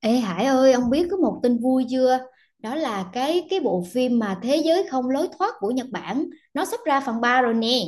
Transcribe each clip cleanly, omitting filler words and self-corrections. Ê Hải ơi, ông biết có một tin vui chưa? Đó là cái bộ phim mà Thế giới không lối thoát của Nhật Bản, nó sắp ra phần 3 rồi nè.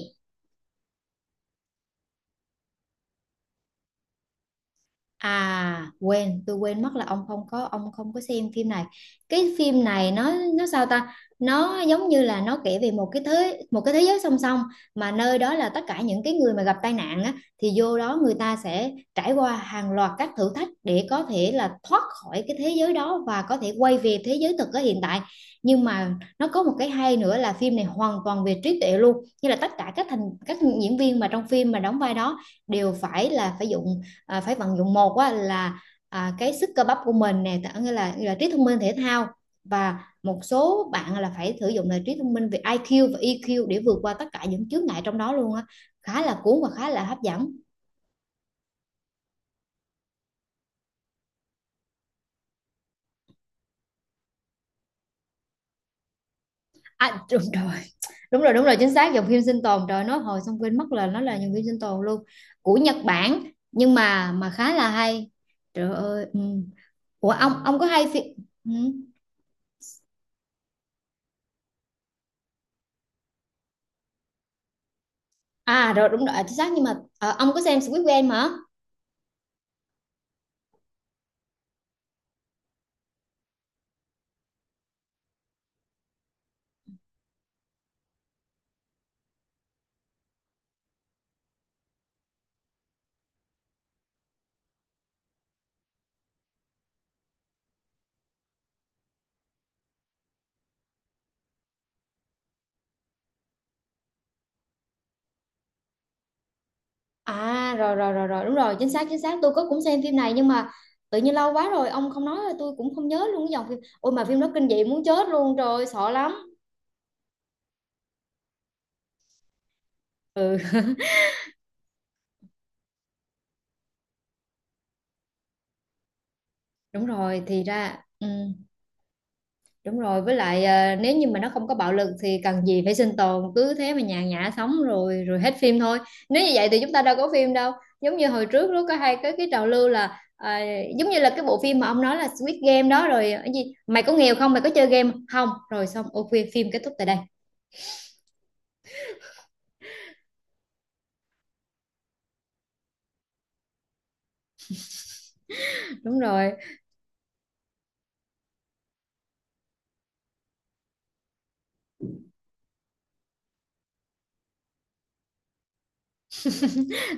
À quên, tôi quên mất là ông không có xem phim này. Cái phim này nó sao ta? Nó giống như là nó kể về một cái thế giới song song mà nơi đó là tất cả những cái người mà gặp tai nạn á thì vô đó người ta sẽ trải qua hàng loạt các thử thách để có thể là thoát khỏi cái thế giới đó và có thể quay về thế giới thực ở hiện tại. Nhưng mà nó có một cái hay nữa là phim này hoàn toàn về trí tuệ luôn. Như là tất cả các thành các diễn viên mà trong phim mà đóng vai đó đều phải dùng phải vận dụng một á, là cái sức cơ bắp của mình nè tức nghĩa là trí thông minh thể thao và một số bạn là phải sử dụng là trí thông minh về IQ và EQ để vượt qua tất cả những chướng ngại trong đó luôn á, khá là cuốn và khá là hấp dẫn. À, đúng rồi, đúng rồi, đúng rồi, chính xác dòng phim sinh tồn, trời nói hồi xong quên mất là nó là dòng phim sinh tồn luôn, của Nhật Bản nhưng mà khá là hay, trời ơi ừ. Ủa ông có hay phim ừ. À rồi đúng rồi, à, chính xác nhưng mà ông có xem Squid Game hả? À rồi rồi rồi rồi đúng rồi chính xác tôi có cũng xem phim này nhưng mà tự nhiên lâu quá rồi ông không nói là tôi cũng không nhớ luôn cái dòng phim, ôi mà phim đó kinh dị muốn chết luôn rồi sợ lắm. Ừ đúng rồi thì ra ừ, đúng rồi với lại nếu như mà nó không có bạo lực thì cần gì phải sinh tồn, cứ thế mà nhàn nhã sống rồi rồi hết phim thôi. Nếu như vậy thì chúng ta đâu có phim đâu, giống như hồi trước lúc có hay cái trào lưu là giống như là cái bộ phim mà ông nói là Squid Game đó rồi ờ, cái gì mày có nghèo không, mày có chơi game không, rồi xong ok phim kết thúc tại đây. Đúng rồi,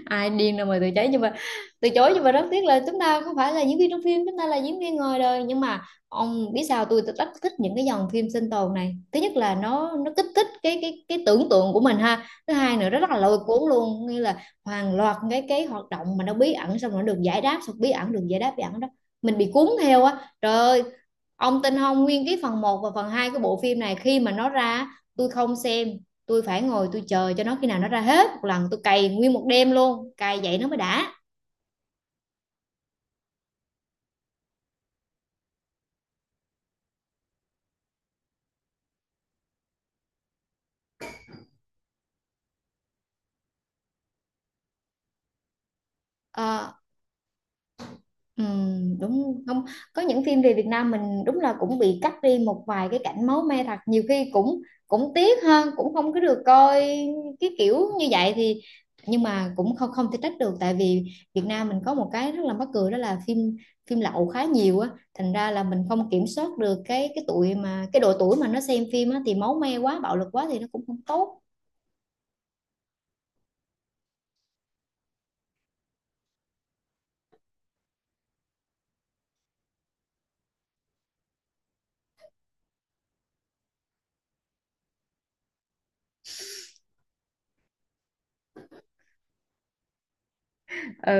ai điên đâu mà từ chối nhưng mà rất tiếc là chúng ta không phải là diễn viên trong phim, chúng ta là diễn viên ngoài đời. Nhưng mà ông biết sao tôi rất thích những cái dòng phim sinh tồn này, thứ nhất là nó kích thích cái tưởng tượng của mình ha, thứ hai nữa nó rất là lôi cuốn luôn, nghĩa là hàng loạt cái hoạt động mà nó bí ẩn xong rồi nó được giải đáp, xong bí ẩn được giải đáp bí ẩn đó, mình bị cuốn theo á, trời ơi. Ông tin không, nguyên cái phần một và phần 2 của bộ phim này khi mà nó ra tôi không xem, tôi phải ngồi tôi chờ cho nó khi nào nó ra hết một lần tôi cày nguyên một đêm luôn, cày vậy nó mới đã. Ờ, ừ, đúng không, có những phim về Việt Nam mình đúng là cũng bị cắt đi một vài cái cảnh máu me thật, nhiều khi cũng cũng tiếc hơn, cũng không có được coi cái kiểu như vậy thì, nhưng mà cũng không không thể trách được tại vì Việt Nam mình có một cái rất là mắc cười đó là phim phim lậu khá nhiều á, thành ra là mình không kiểm soát được cái tuổi mà cái độ tuổi mà nó xem phim á, thì máu me quá bạo lực quá thì nó cũng không tốt. Ừ,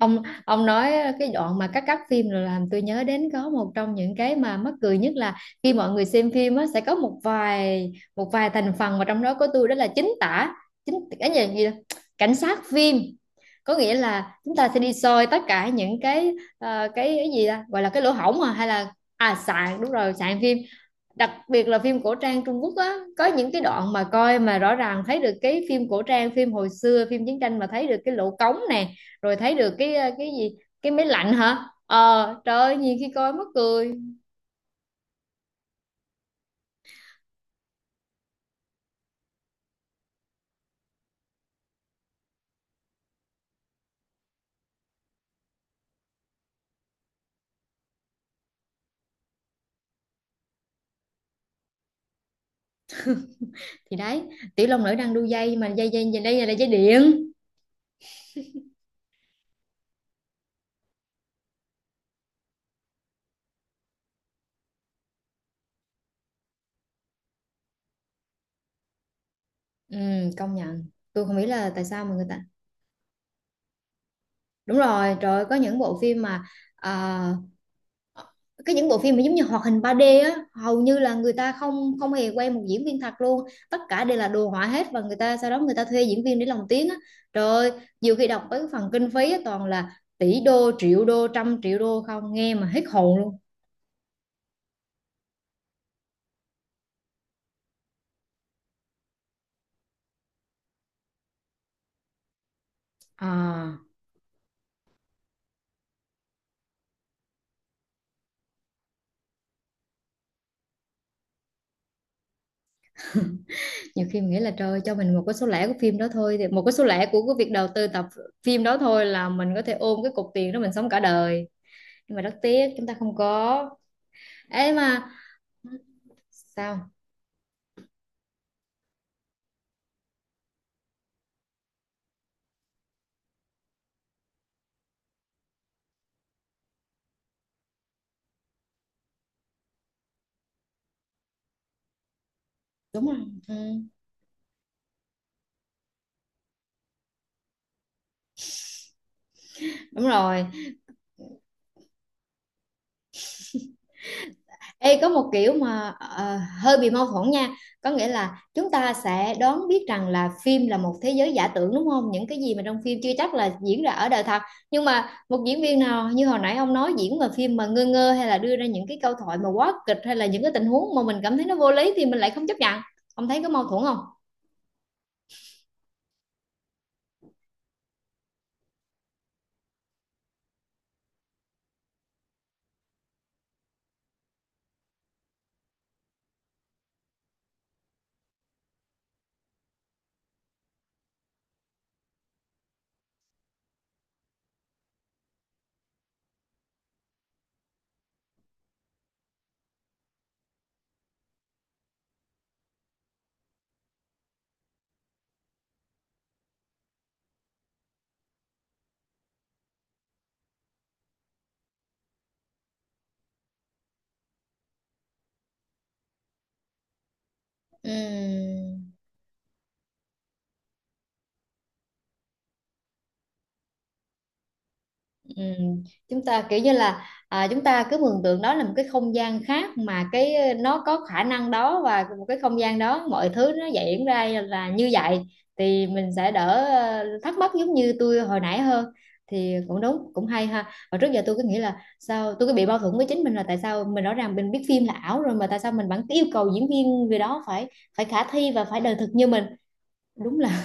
ông nói cái đoạn mà cắt cắt phim rồi làm tôi nhớ đến có một trong những cái mà mắc cười nhất là khi mọi người xem phim á sẽ có một vài thành phần mà trong đó có tôi đó là chính tả, chính cái gì, gì đó? Cảnh sát phim, có nghĩa là chúng ta sẽ đi soi tất cả những cái cái gì ta gọi là cái lỗ hổng à hay là à sạn, đúng rồi sạn phim, đặc biệt là phim cổ trang Trung Quốc á, có những cái đoạn mà coi mà rõ ràng thấy được cái phim cổ trang, phim hồi xưa phim chiến tranh mà thấy được cái lỗ cống nè, rồi thấy được cái cái gì, cái máy lạnh hả, ờ trời ơi nhiều khi coi mắc cười. Thì đấy, tiểu long nữ đang đu dây mà dây dây dây đây là dây điện. Ừ, công nhận tôi không biết là tại sao mà người ta đúng rồi trời ơi, có những bộ phim mà ờ, cái những bộ phim mà giống như hoạt hình 3D á, hầu như là người ta không không hề quay một diễn viên thật luôn, tất cả đều là đồ họa hết, và người ta sau đó người ta thuê diễn viên để lồng tiếng á, trời ơi nhiều khi đọc tới cái phần kinh phí á, toàn là tỷ đô triệu đô trăm triệu đô không, nghe mà hết hồn luôn. À, nhiều khi mình nghĩ là trời ơi, cho mình một cái số lẻ của phim đó thôi, thì một cái số lẻ của cái việc đầu tư tập phim đó thôi là mình có thể ôm cái cục tiền đó mình sống cả đời, nhưng mà rất tiếc chúng ta không có ấy mà. Sao, đúng rồi, ừ. Đúng rồi. Ê, có một kiểu mà hơi bị mâu thuẫn nha, có nghĩa là chúng ta sẽ đoán biết rằng là phim là một thế giới giả tưởng đúng không, những cái gì mà trong phim chưa chắc là diễn ra ở đời thật, nhưng mà một diễn viên nào như hồi nãy ông nói diễn mà phim mà ngơ ngơ hay là đưa ra những cái câu thoại mà quá kịch hay là những cái tình huống mà mình cảm thấy nó vô lý thì mình lại không chấp nhận, ông thấy có mâu thuẫn không? Ừm. Ừ. Chúng ta kiểu như là à, chúng ta cứ mường tượng đó là một cái không gian khác mà cái nó có khả năng đó, và một cái không gian đó mọi thứ nó diễn ra là như vậy, thì mình sẽ đỡ thắc mắc giống như tôi hồi nãy hơn. Thì cũng đúng cũng hay ha, và trước giờ tôi cứ nghĩ là sao tôi cứ bị mâu thuẫn với chính mình, là tại sao mình rõ ràng mình biết phim là ảo rồi mà tại sao mình vẫn cứ yêu cầu diễn viên người đó phải phải khả thi và phải đời thực như mình, đúng là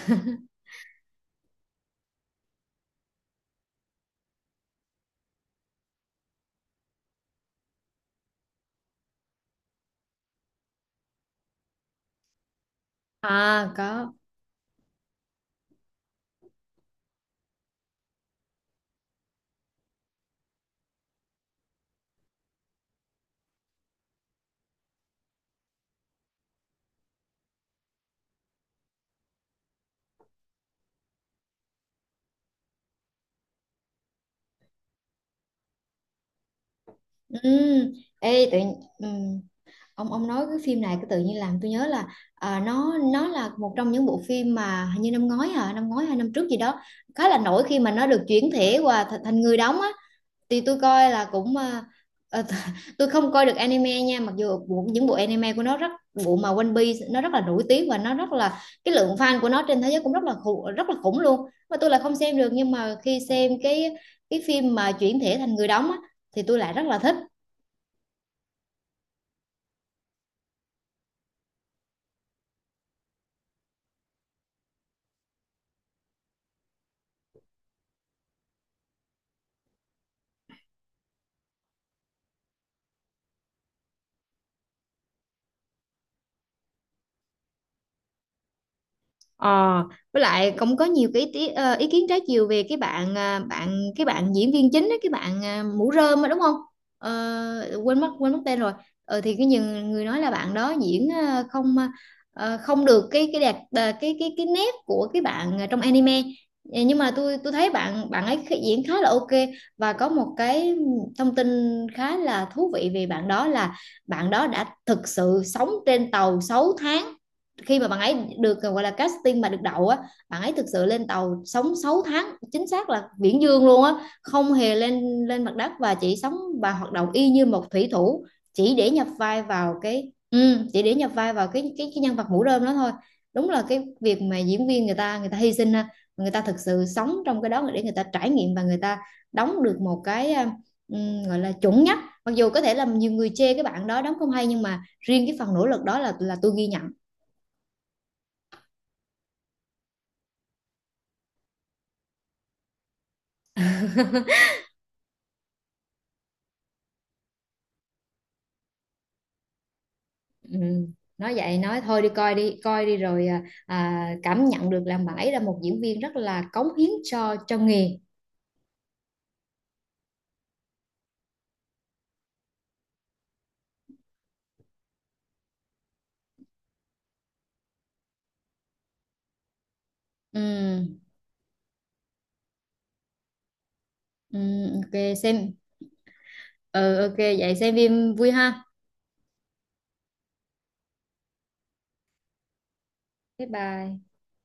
à có ừ. Ê, tự... ừ. Ông nói cái phim này cái tự nhiên làm tôi nhớ là à, nó là một trong những bộ phim mà hình như năm ngoái hả, năm ngoái hay năm trước gì đó, khá là nổi khi mà nó được chuyển thể qua th thành người đóng á, thì tôi coi là cũng à, à, tôi không coi được anime nha, mặc dù bộ, những bộ anime của nó rất, bộ mà One Piece nó rất là nổi tiếng và nó rất là cái lượng fan của nó trên thế giới cũng rất là khủng luôn, mà tôi là không xem được, nhưng mà khi xem cái phim mà chuyển thể thành người đóng á thì tôi lại rất là thích. Ờ, với lại cũng có nhiều cái ý, ý kiến trái chiều về cái bạn à, cái bạn diễn viên chính ấy, cái bạn à, mũ rơm á đúng không? Ờ, quên mất tên rồi. Ờ, thì cái nhiều người nói là bạn đó diễn à, không được cái đẹp à, cái nét của cái bạn à, trong anime. Ờ, nhưng mà tôi thấy bạn bạn ấy khi- diễn khá là ok, và có một cái thông tin khá là thú vị về bạn đó là bạn đó đã thực sự sống trên tàu 6 tháng, khi mà bạn ấy được gọi là casting mà được đậu á, bạn ấy thực sự lên tàu sống 6 tháng, chính xác là viễn dương luôn á, không hề lên lên mặt đất, và chỉ sống và hoạt động y như một thủy thủ, chỉ để nhập vai vào cái ừ, chỉ để nhập vai vào cái nhân vật mũ rơm đó thôi. Đúng là cái việc mà diễn viên người ta hy sinh ha, người ta thực sự sống trong cái đó để người ta trải nghiệm và người ta đóng được một cái gọi là chuẩn nhất, mặc dù có thể là nhiều người chê cái bạn đó đóng không hay, nhưng mà riêng cái phần nỗ lực đó là tôi ghi nhận. Ừ. Nói vậy nói thôi, đi coi đi coi đi rồi à, à, cảm nhận được là bạn ấy là một diễn viên rất là cống hiến cho nghề. Ừ, ừ, ok xem, ừ, ok vậy xem phim vui ha, bye bye.